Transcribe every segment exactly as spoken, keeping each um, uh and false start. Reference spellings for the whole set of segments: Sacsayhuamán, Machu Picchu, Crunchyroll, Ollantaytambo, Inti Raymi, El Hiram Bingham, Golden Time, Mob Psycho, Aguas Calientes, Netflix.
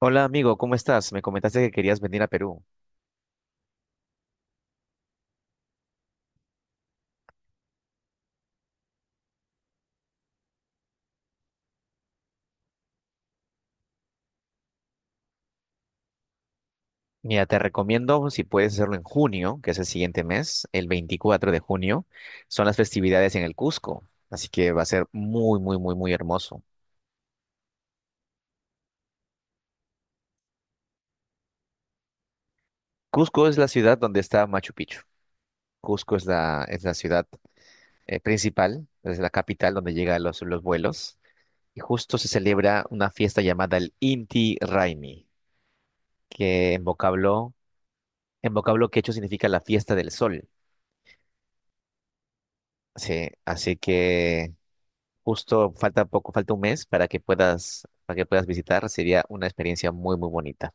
Hola amigo, ¿cómo estás? Me comentaste que querías venir a Perú. Mira, te recomiendo si puedes hacerlo en junio, que es el siguiente mes, el veinticuatro de junio, son las festividades en el Cusco, así que va a ser muy, muy, muy, muy hermoso. Cusco es la ciudad donde está Machu Picchu. Cusco es la, es la ciudad eh, principal, es la capital donde llegan los, los vuelos, y justo se celebra una fiesta llamada el Inti Raymi, que en vocablo, en vocablo quechua significa la fiesta del sol. Sí, así que justo falta poco, falta un mes para que puedas, para que puedas visitar. Sería una experiencia muy, muy bonita.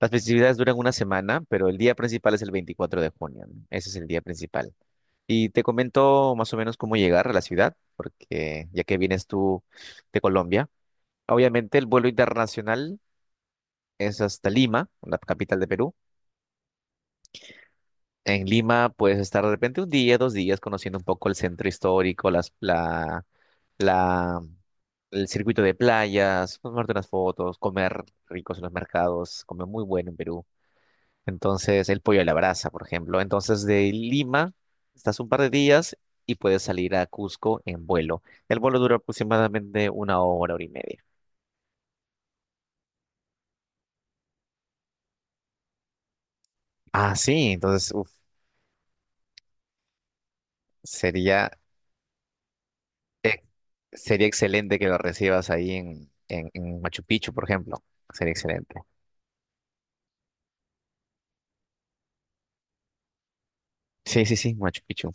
Las festividades duran una semana, pero el día principal es el veinticuatro de junio, ¿no? Ese es el día principal. Y te comento más o menos cómo llegar a la ciudad, porque ya que vienes tú de Colombia, obviamente el vuelo internacional es hasta Lima, la capital de Perú. En Lima puedes estar de repente un día, dos días, conociendo un poco el centro histórico, las, la, la el circuito de playas, tomarte unas fotos, comer ricos en los mercados, comer muy bueno en Perú. Entonces, el pollo a la brasa, por ejemplo. Entonces, de Lima, estás un par de días y puedes salir a Cusco en vuelo. El vuelo dura aproximadamente una hora, hora y media. Ah, sí, entonces, uf, sería, eh, sería excelente que lo recibas ahí en, en, en Machu Picchu, por ejemplo. Sería excelente. Sí, sí, sí, Machu Picchu.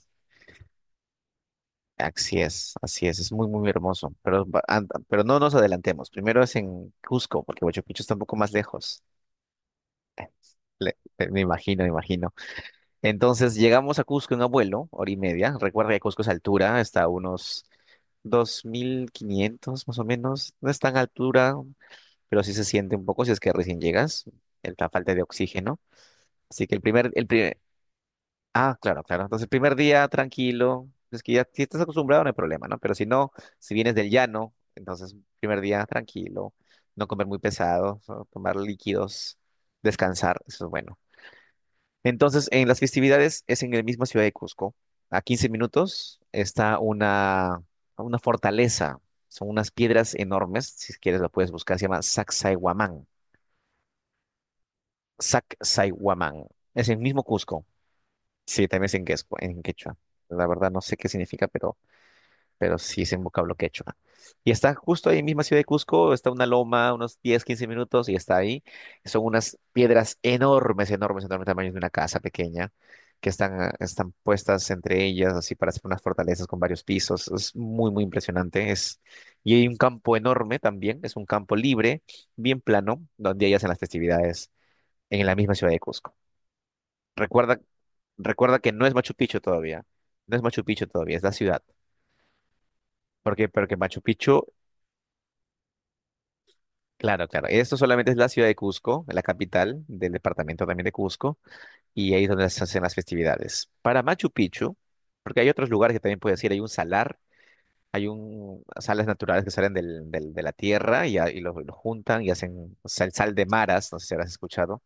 Así es, así es, es muy, muy hermoso. Pero, va- and- pero no nos adelantemos. Primero es en Cusco, porque Huacho Picchu está un poco más lejos. Eh, Le- eh, me imagino, me imagino. Entonces llegamos a Cusco en abuelo, hora y media. Recuerda que Cusco es altura, está a unos dos mil quinientos más o menos. No es tan altura, pero sí se siente un poco si es que recién llegas, el- la falta de oxígeno. Así que el primer, el primer, Ah, claro, claro. Entonces, el primer día tranquilo. Es que ya si estás acostumbrado, no hay problema, ¿no? Pero si no, si vienes del llano, entonces, primer día tranquilo, no comer muy pesado, solo tomar líquidos, descansar, eso es bueno. Entonces, en las festividades es en la misma ciudad de Cusco. A quince minutos está una, una fortaleza. Son unas piedras enormes. Si quieres, lo puedes buscar. Se llama Sacsayhuamán. Sacsayhuamán. Es el mismo Cusco. Sí, también es en quechua, en quechua. La verdad no sé qué significa, pero, pero sí es en vocablo quechua. Y está justo ahí en misma ciudad de Cusco, está una loma, unos diez, quince minutos y está ahí. Son unas piedras enormes, enormes, enormes, tamaño de una casa pequeña, que están, ah, están puestas entre ellas, así para hacer unas fortalezas con varios pisos. Es muy, muy impresionante. Es. Y hay un campo enorme también, es un campo libre, bien plano, donde ellas hacen las festividades en la misma ciudad de Cusco. Recuerda, recuerda que no es Machu Picchu todavía. No es Machu Picchu todavía, es la ciudad. Porque, porque Machu Picchu, claro, claro. Esto solamente es la ciudad de Cusco, la capital del departamento también de Cusco, y ahí es donde se hacen las festividades. Para Machu Picchu, porque hay otros lugares que también puedes ir, hay un salar, hay un sales naturales que salen del, del- de la tierra y, a- y lo, lo juntan y hacen sal, sal de maras, no sé si habrás escuchado.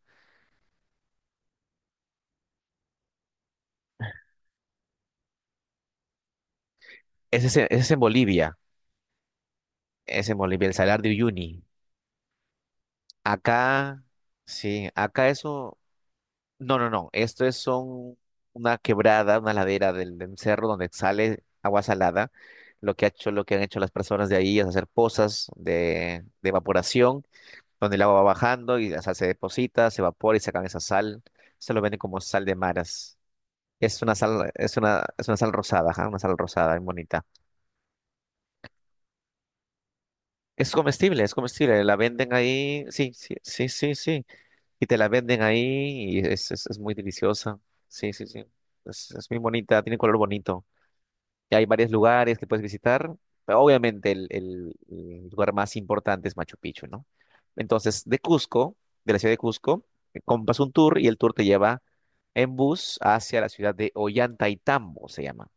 Ese es, en- ese es en Bolivia, es en Bolivia, el salar de Uyuni. Acá, sí, acá eso. No, no, no. Esto es son una quebrada, una ladera del, del cerro donde sale agua salada. Lo que ha hecho, lo que han hecho las personas de ahí es hacer pozas de, de evaporación, donde el agua va bajando y o sea, se deposita, se evapora y sacan esa sal. Se lo venden como sal de maras. Es una sal, es una, es una sal rosada, ajá, una sal rosada, muy bonita. Es comestible, es comestible. La venden ahí. Sí, sí, sí, sí, sí. Y te la venden ahí y es, es, es muy deliciosa. Sí, sí, sí. Es, es muy bonita, tiene color bonito. Y hay varios lugares que puedes visitar, pero obviamente el, el- el lugar más importante es Machu Picchu, ¿no? Entonces, de Cusco, de la ciudad de Cusco, eh, compras un tour y el tour te lleva en bus hacia la ciudad de Ollantaytambo, se llama.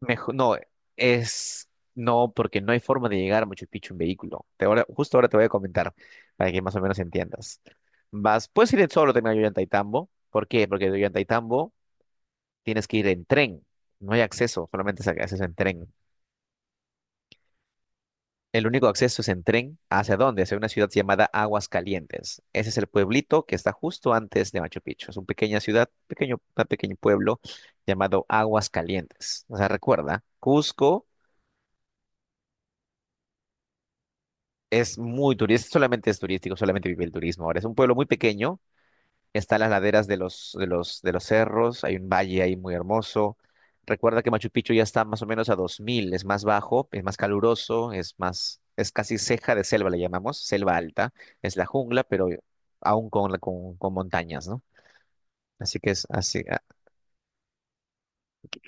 Mejor, no, es no, porque no hay forma de llegar a Machu Picchu en vehículo. Te Ahora, justo ahora te voy a comentar para que más o menos entiendas. Vas, puedes ir solo también a Ollantaytambo. ¿Por qué? Porque de Ollantaytambo tienes que ir en tren. No hay acceso, solamente es acceso en tren. El único acceso es en tren. ¿Hacia dónde? Hacia una ciudad llamada Aguas Calientes. Ese es el pueblito que está justo antes de Machu Picchu. Es una pequeña ciudad, pequeño, un pequeño pueblo llamado Aguas Calientes. O sea, recuerda, Cusco. Es muy turístico, solamente es turístico, solamente vive el turismo. Ahora es un pueblo muy pequeño, está en las laderas de los, de los, de los cerros, hay un valle ahí muy hermoso. Recuerda que Machu Picchu ya está más o menos a dos mil es más bajo, es más caluroso, es más, es casi ceja de selva, le llamamos, selva alta, es la jungla, pero aún con, la- con, con montañas, ¿no? Así que es así, ah,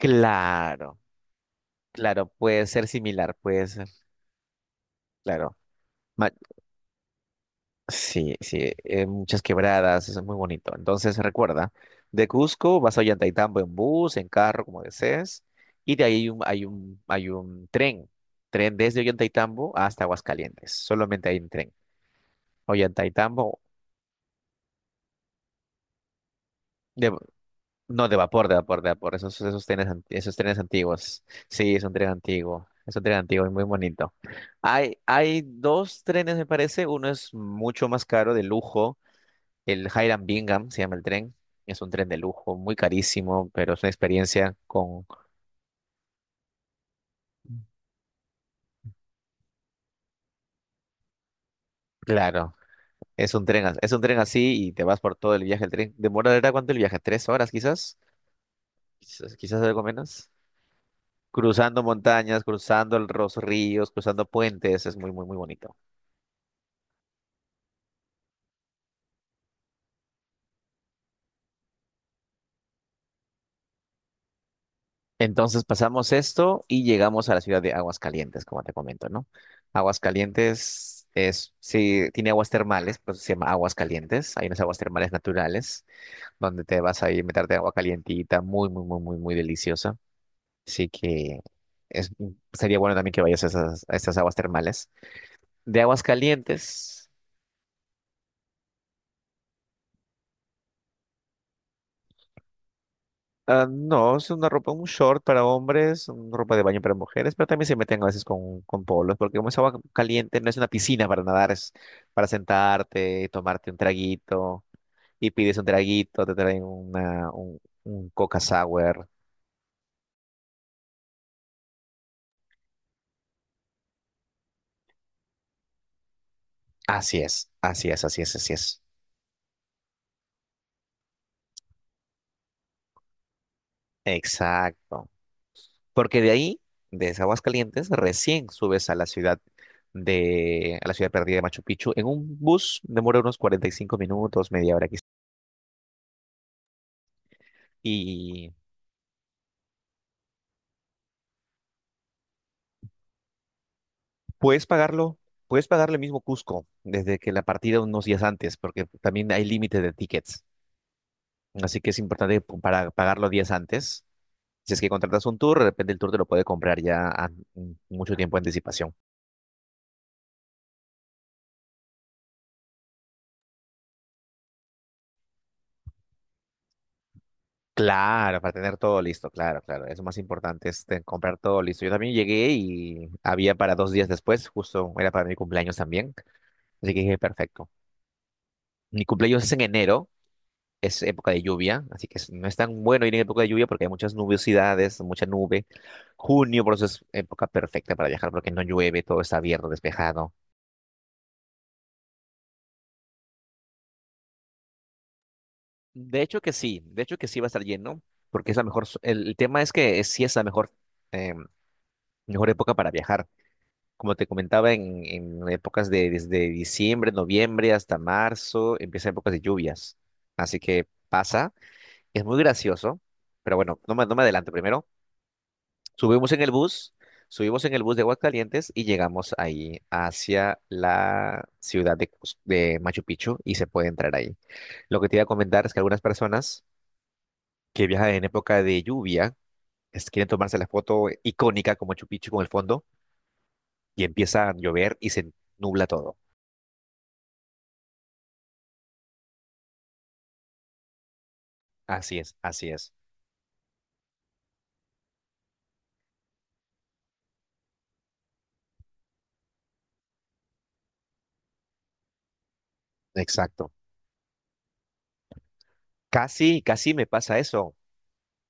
claro, claro, puede ser similar, puede ser, claro. Ma- Sí, sí, eh, muchas quebradas, eso es muy bonito. Entonces recuerda, de Cusco vas a Ollantaytambo en bus, en carro, como desees, y de ahí hay un, hay un, hay un tren, tren desde Ollantaytambo hasta Aguascalientes, solamente hay un tren. Ollantaytambo, de- no de vapor, de vapor, de vapor, esos, esos trenes, ant- esos trenes antiguos. Sí, es un tren antiguo, es un tren antiguo y muy bonito. Hay, hay dos trenes, me parece, uno es mucho más caro, de lujo. El Hiram Bingham se llama el tren. Es un tren de lujo, muy carísimo, pero es una experiencia con. Claro, es un tren, as- es un tren así y te vas por todo el viaje. El tren demorará cuánto el viaje, tres horas quizás, quizás, quizás algo menos. Cruzando montañas, cruzando el- los ríos, cruzando puentes, es muy, muy, muy bonito. Entonces pasamos esto y llegamos a la ciudad de Aguascalientes, como te comento, ¿no? Aguascalientes es, sí, tiene aguas termales, pues se llama Aguascalientes. Hay unas aguas termales naturales. Donde te vas a ir a meterte agua calientita, muy, muy, muy, muy, muy deliciosa. Así que es- sería bueno también que vayas a esas, a estas aguas termales. De aguas calientes, ah, no, es una ropa, un short para hombres, una ropa de baño para mujeres, pero también se meten a veces con, con polos, porque como es agua caliente, no es una piscina para nadar, es para sentarte, tomarte un traguito, y pides un traguito, te traen una, un, un Coca Sour. Así es, así es, así es, así es. Exacto. Porque de ahí, desde Aguascalientes, recién subes a la ciudad de, a la ciudad perdida de Machu Picchu. En un bus demora unos cuarenta y cinco minutos, media hora quizás. Y puedes pagarlo, puedes pagarlo el mismo Cusco desde que la partida unos días antes, porque también hay límite de tickets. Así que es importante pu- para pagarlo días antes. Si es que contratas un tour, de repente el tour te lo puede comprar ya a- mm, mucho tiempo de anticipación. Claro, para tener todo listo, claro, claro. Es lo más importante, es comprar todo listo. Yo también llegué y había para dos días después, justo era para mi cumpleaños también. Así que dije, perfecto. Mi cumpleaños es en enero, es época de lluvia, así que es- no es tan bueno ir en época de lluvia porque hay muchas nubiosidades, mucha nube. Junio, por eso es época perfecta para viajar porque no llueve, todo está abierto, despejado. De hecho que sí, de hecho que sí va a estar lleno porque es la mejor, so- el, el tema es que sí es la mejor, em, mejor época para viajar. Como te comentaba, en, en épocas de desde diciembre, noviembre hasta marzo, empiezan épocas de lluvias. Así que pasa, es muy gracioso, pero bueno, no me, no me adelanto primero. Subimos en el bus, subimos en el bus de Aguascalientes y llegamos ahí hacia la ciudad de, Cus- de Machu Picchu y se puede entrar ahí. Lo que te iba a comentar es que algunas personas que viajan en época de lluvia es- quieren tomarse la foto icónica con Machu Picchu con el fondo y empieza a llover y se nubla todo. Así es, así es. Exacto. Casi, casi me pasa eso.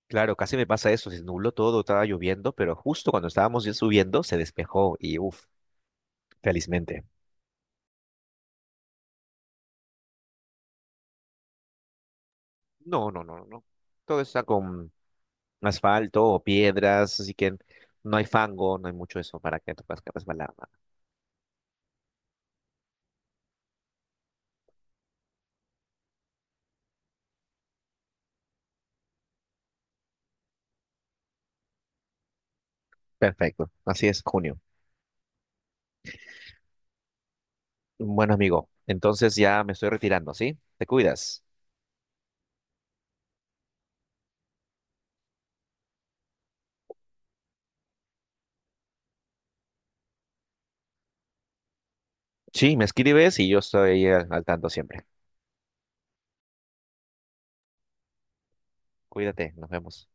Claro, casi me pasa eso. Se nubló todo, estaba lloviendo, pero justo cuando estábamos ya subiendo se despejó y uff, felizmente. No, no, no, no. Todo está con asfalto o piedras, así que no hay fango, no hay mucho eso para que te puedas resbalar, nada. Perfecto. Así es, junio. Bueno, amigo, entonces ya me estoy retirando, ¿sí? Te cuidas. Sí, me escribes y yo estoy al al tanto siempre. Cuídate, nos vemos.